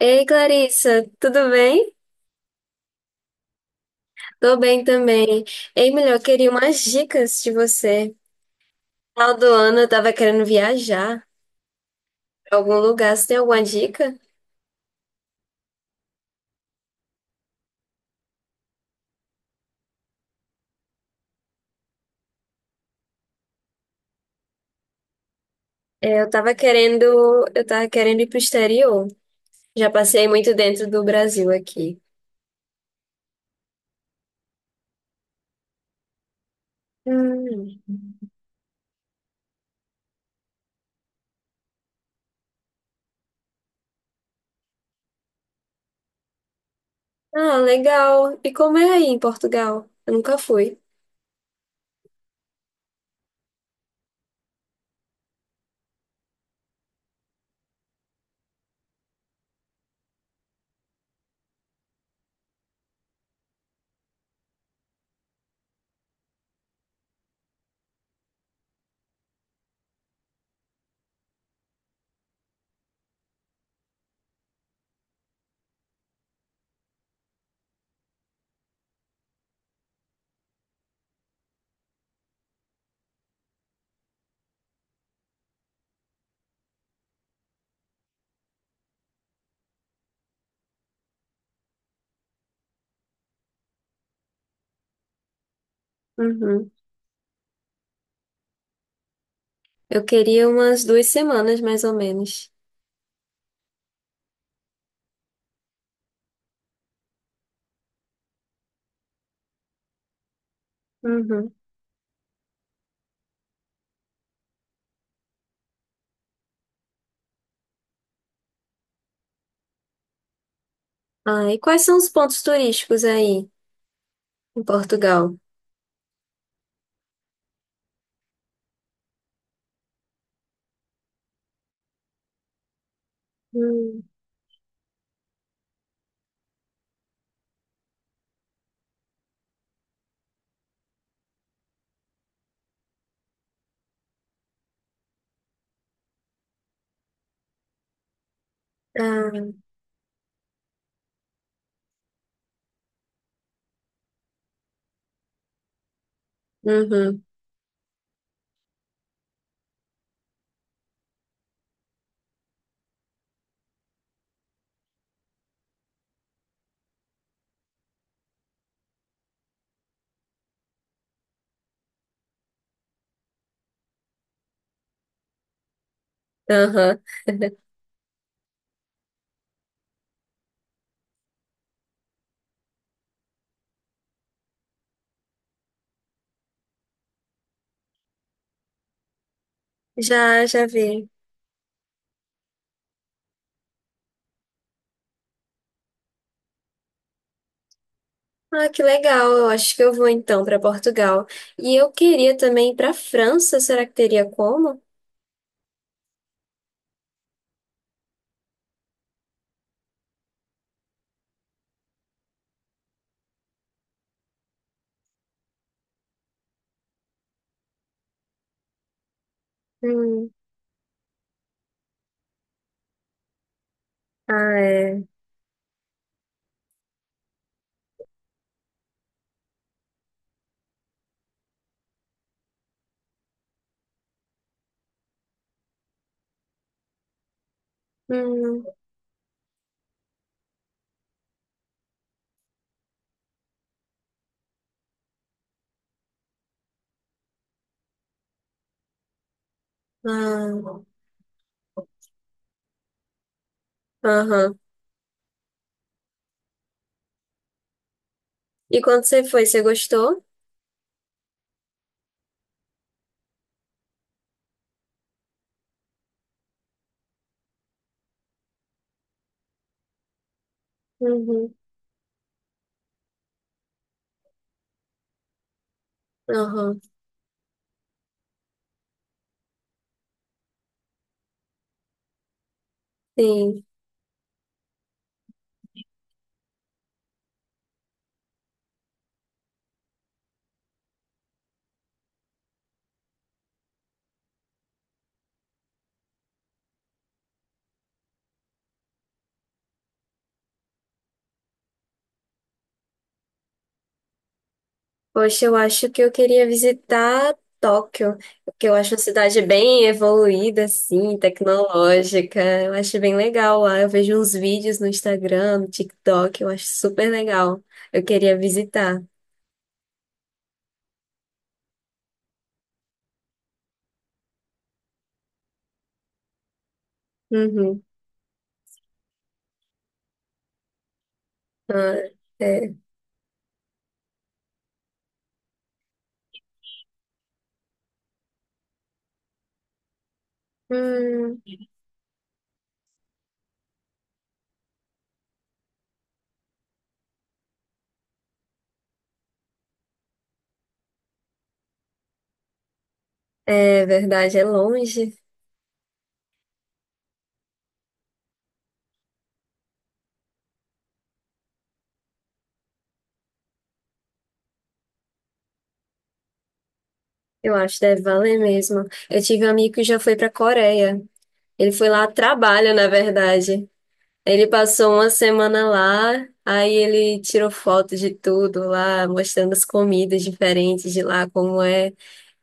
Ei, Clarissa, tudo bem? Tô bem também. Ei, melhor, eu queria umas dicas de você. No final do ano eu tava querendo viajar pra algum lugar. Você tem alguma dica? É, Eu tava querendo, eu tava querendo ir pro exterior. Já passei muito dentro do Brasil aqui. Hum. Ah, legal. E como é aí em Portugal? Eu nunca fui. Uhum. Eu queria umas 2 semanas, mais ou menos. Uhum. Ah, e quais são os pontos turísticos aí em Portugal? Ah, uhum, aham. Já, já vi. Ah, que legal. Eu acho que eu vou então para Portugal. E eu queria também ir para França. Será que teria como? Hum. Ah, é. Hum. Ah. Aham. E quando você foi, você gostou? Uhum. Aham. Sim. Poxa, eu acho que eu queria visitar Tóquio, porque eu acho uma cidade bem evoluída, assim, tecnológica. Eu acho bem legal lá. Eu vejo uns vídeos no Instagram, no TikTok, eu acho super legal. Eu queria visitar. Uhum. Ah, é. Hum, é verdade, é longe. Eu acho, deve valer mesmo. Eu tive um amigo que já foi para Coreia. Ele foi lá a trabalho, na verdade. Ele passou uma semana lá, aí ele tirou foto de tudo lá, mostrando as comidas diferentes de lá, como é.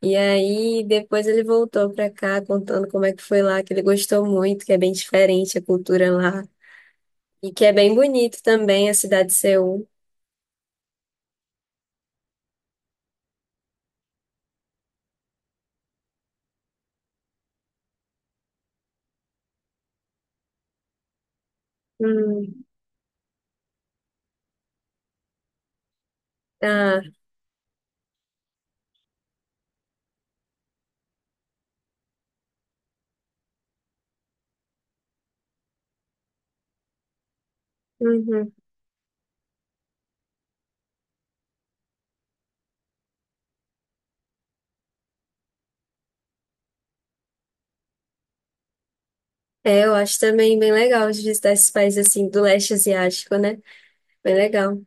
E aí depois ele voltou pra cá, contando como é que foi lá, que ele gostou muito, que é bem diferente a cultura lá. E que é bem bonito também a cidade de Seul. Hum, ah, uhum. É, eu acho também bem legal de visitar esses países assim do leste asiático, né? Bem legal.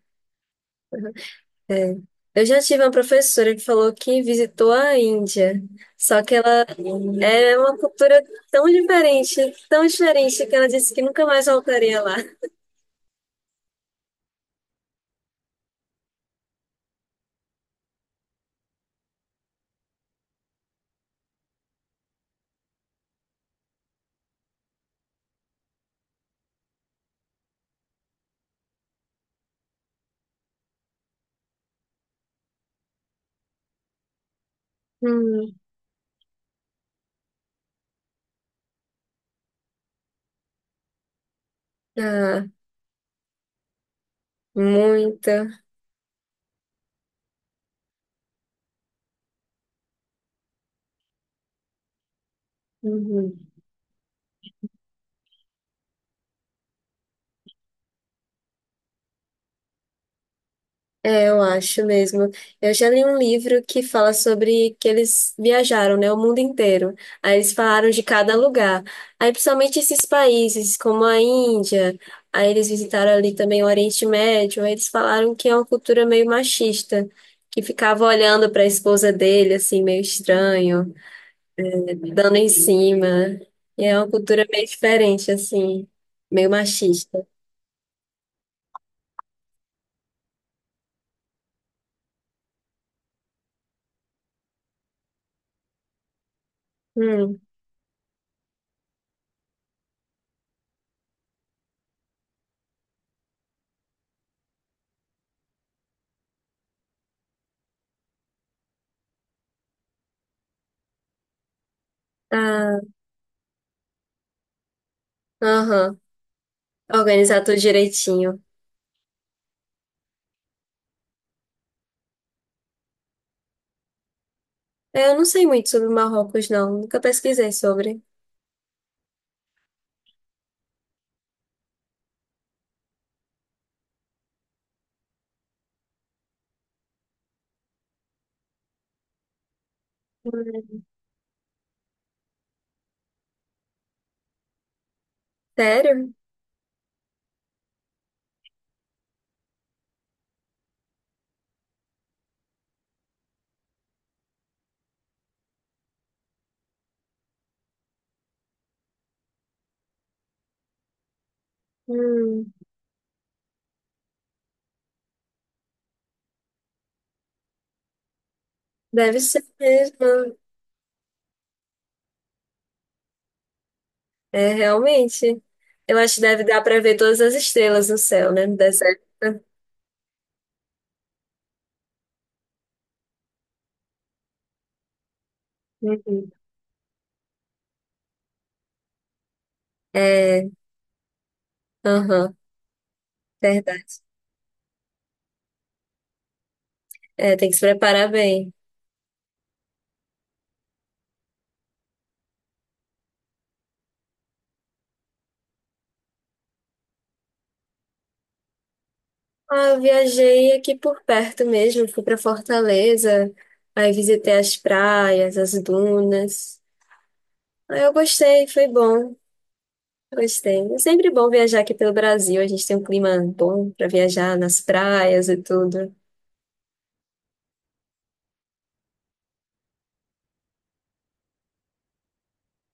É. Eu já tive uma professora que falou que visitou a Índia, só que ela é uma cultura tão diferente, tão diferente, que ela disse que nunca mais voltaria lá. Hum. Ah, muita. É, eu acho mesmo. Eu já li um livro que fala sobre que eles viajaram, né, o mundo inteiro. Aí eles falaram de cada lugar. Aí principalmente esses países, como a Índia, aí eles visitaram ali também o Oriente Médio, aí eles falaram que é uma cultura meio machista, que ficava olhando para a esposa dele assim meio estranho, dando em cima. E é uma cultura meio diferente assim, meio machista. Hum. Ah, aham. Organizar tudo direitinho. Eu não sei muito sobre o Marrocos, não. Nunca pesquisei sobre. Hum, Sério? Hum, deve ser mesmo. É, realmente. Eu acho que deve dar para ver todas as estrelas no céu, né? No deserto. Uhum. É, aham, verdade. É, tem que se preparar bem. Ah, eu viajei aqui por perto mesmo. Fui para Fortaleza. Aí visitei as praias, as dunas. Aí eu gostei, foi bom. Gostei. É sempre bom viajar aqui pelo Brasil. A gente tem um clima bom para viajar nas praias e tudo.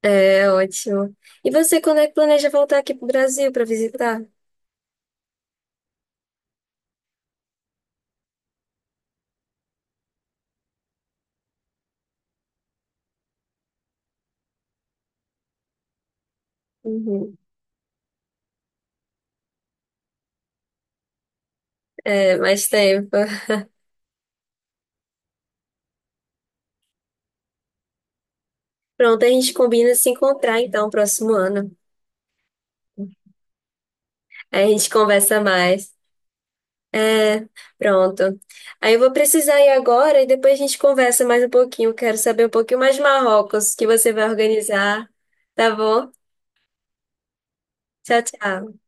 É ótimo. E você, quando é que planeja voltar aqui pro Brasil para visitar? Uhum. É, mais tempo. Pronto, a gente combina se encontrar então próximo ano. Aí a gente conversa mais. É, pronto. Aí eu vou precisar ir agora e depois a gente conversa mais um pouquinho. Quero saber um pouquinho mais de Marrocos que você vai organizar. Tá bom? Tchau, tchau.